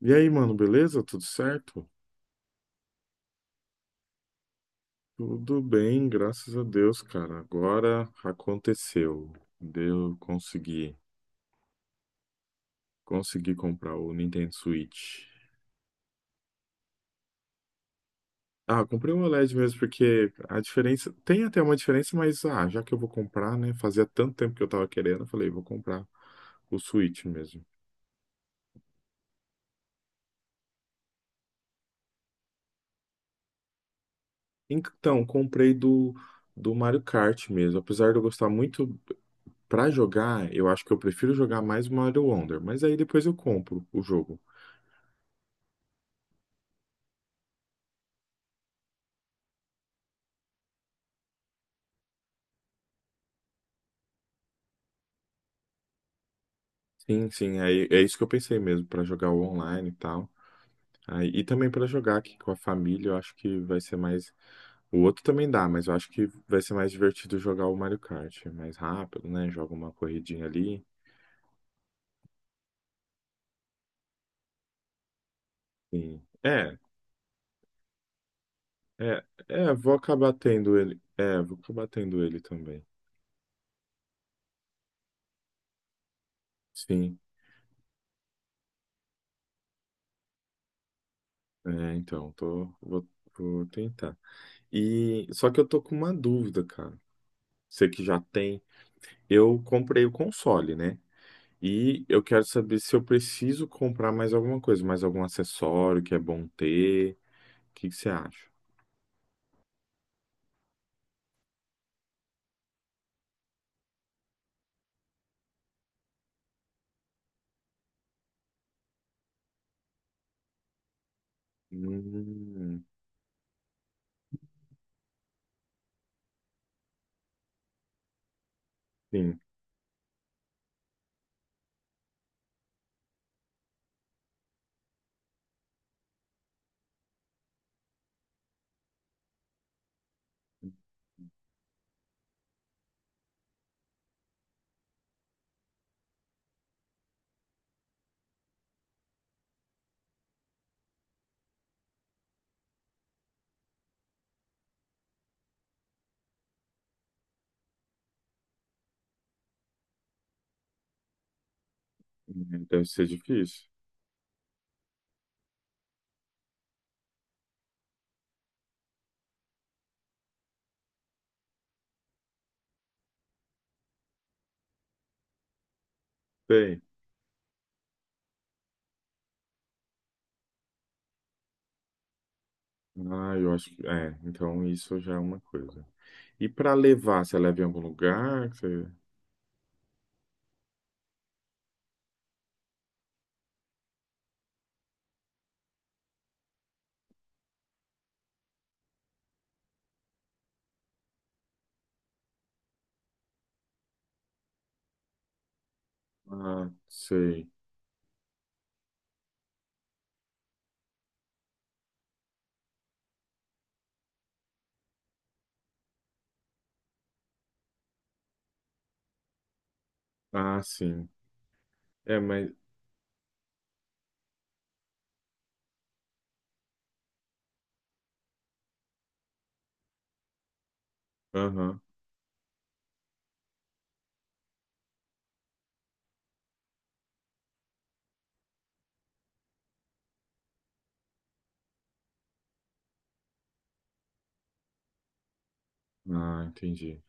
E aí, mano, beleza? Tudo certo? Tudo bem, graças a Deus, cara. Agora aconteceu. Deu, consegui. Consegui comprar o Nintendo Switch. Ah, comprei um OLED mesmo, porque a diferença. Tem até uma diferença, mas já que eu vou comprar, né? Fazia tanto tempo que eu tava querendo, eu falei, vou comprar o Switch mesmo. Então, do Mario Kart mesmo. Apesar de eu gostar muito pra jogar, eu acho que eu prefiro jogar mais o Mario Wonder. Mas aí depois eu compro o jogo. Sim, sim, é isso que eu pensei mesmo, para jogar o online e tal. Aí, e também para jogar aqui com a família, eu acho que vai ser mais. O outro também dá, mas eu acho que vai ser mais divertido jogar o Mario Kart. É mais rápido, né? Joga uma corridinha ali. Sim. Vou acabar tendo ele. É, vou acabar tendo ele também. Sim, é, então, vou tentar. E só que eu tô com uma dúvida, cara. Você que já tem. Eu comprei o console, né? E eu quero saber se eu preciso comprar mais alguma coisa, mais algum acessório que é bom ter. O que que você acha? Hum, sim, deve ser difícil. Tem. Ah, eu acho que. É, então isso já é uma coisa. E para levar, você leva em algum lugar? Que você... Ah, sei. Ah, sim. É, mas. Aham. Ah, entendi.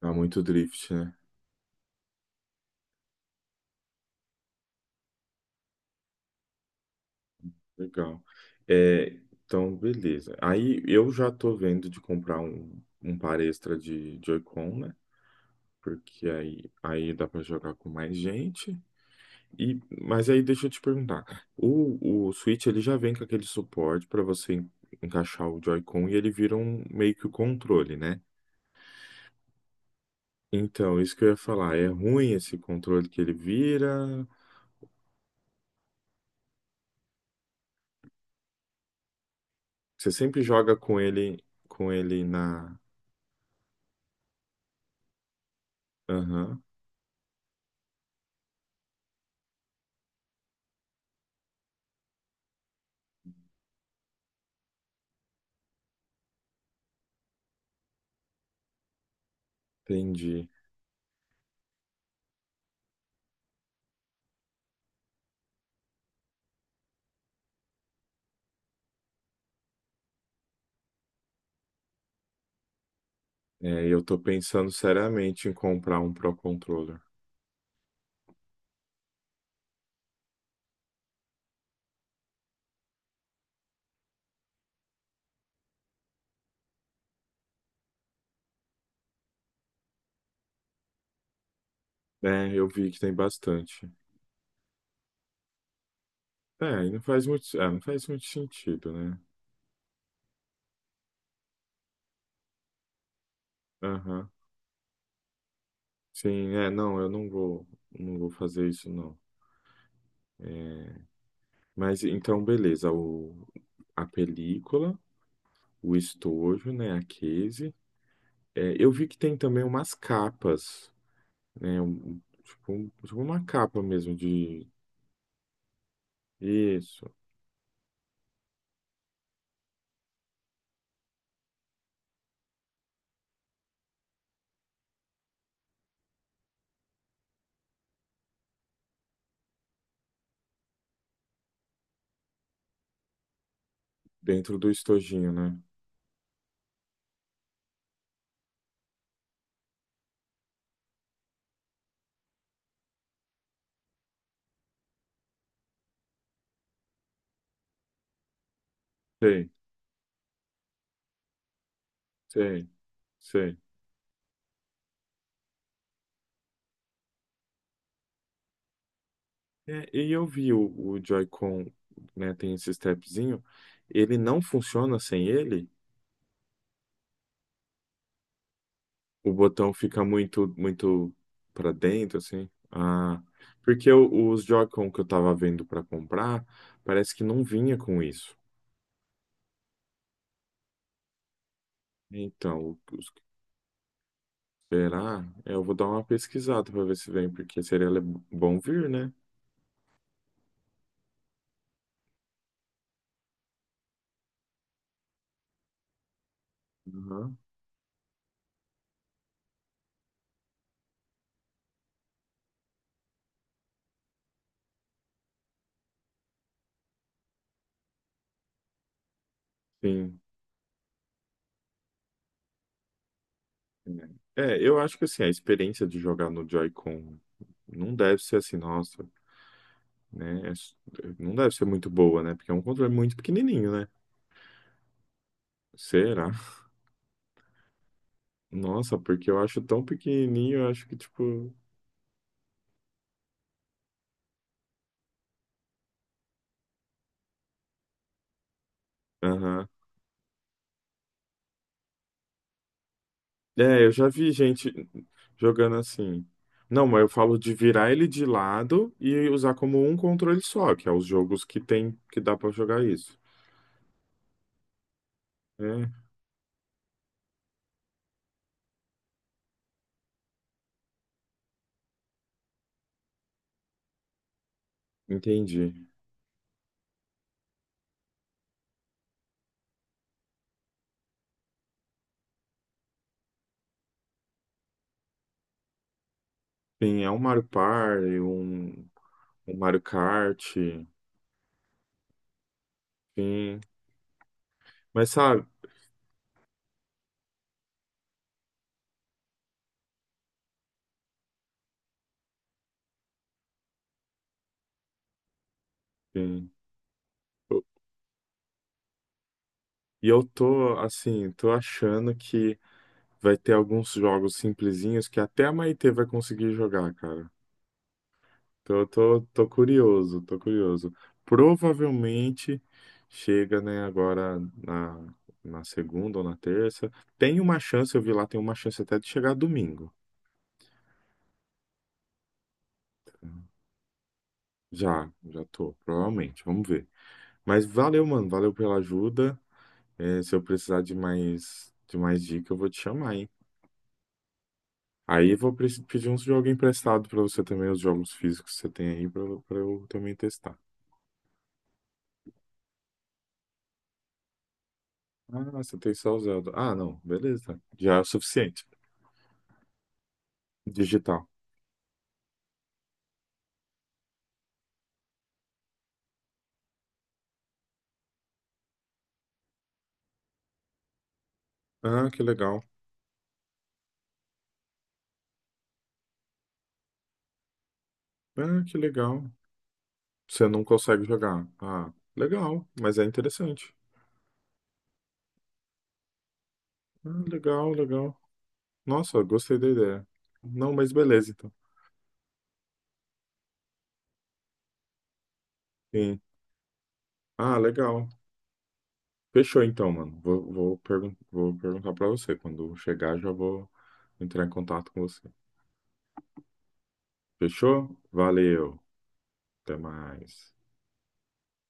Dá muito drift. Legal. É, então, beleza. Aí eu já tô vendo de comprar um par extra de Joy-Con, né? Porque aí dá para jogar com mais gente. E, mas aí deixa eu te perguntar. O Switch ele já vem com aquele suporte para você encaixar o Joy-Con e ele vira um meio que o controle, né? Então, isso que eu ia falar, é ruim esse controle que ele vira. Você sempre joga com ele na. Aham, entendi. É, e eu tô pensando seriamente em comprar um Pro Controller. É, eu vi que tem bastante. É, e não faz não faz muito sentido, né? Aham. Sim, é, não, eu não vou, não vou fazer isso, não. É, mas então, beleza, o, a película, o estojo, né, a case. É, eu vi que tem também umas capas, né, tipo uma capa mesmo de... Isso, dentro do estojinho, né? Sei, sei, sei. É, e eu vi o Joy-Con, né, tem esse stepzinho, ele não funciona sem ele? O botão fica muito para dentro, assim? Ah, porque os Joy-Con que eu tava vendo para comprar, parece que não vinha com isso. Então, os- será? É, eu vou dar uma pesquisada para ver se vem, porque seria bom vir, né? Aham, sim. Eu acho que assim, a experiência de jogar no Joy-Con não deve ser assim, nossa. Né? É, não deve ser muito boa, né? Porque é um controle muito pequenininho, né? Será? Nossa, porque eu acho tão pequenininho, eu acho que tipo. Aham. É, eu já vi gente jogando assim. Não, mas eu falo de virar ele de lado e usar como um controle só, que é os jogos que tem que dá pra jogar isso. É, entendi. Sim, é um Mario Party, um Mario Kart, sim. Mas sabe, sim, eu- e eu tô assim, tô achando que vai ter alguns jogos simplesinhos que até a Maitê vai conseguir jogar, cara. Então eu tô, tô curioso, tô curioso. Provavelmente chega, né, na segunda ou na terça. Tem uma chance, eu vi lá, tem uma chance até de chegar domingo. Já, já tô, provavelmente, vamos ver. Mas valeu, mano, valeu pela ajuda. É, se eu precisar de mais dica, eu vou te chamar, hein? Aí eu vou pedir uns jogos emprestados pra você também, os jogos físicos que você tem aí, pra eu também testar. Ah, você tem só o Zelda. Ah, não, beleza. Já é o suficiente. Digital. Ah, que legal. Ah, que legal. Você não consegue jogar. Ah, legal, mas é interessante. Ah, legal, legal. Nossa, gostei da ideia. Não, mas beleza, então. Sim. Ah, legal. Fechou então, mano. Vou, vou, pergun vou perguntar pra você. Quando chegar, já vou entrar em contato com você. Fechou? Valeu. Até mais.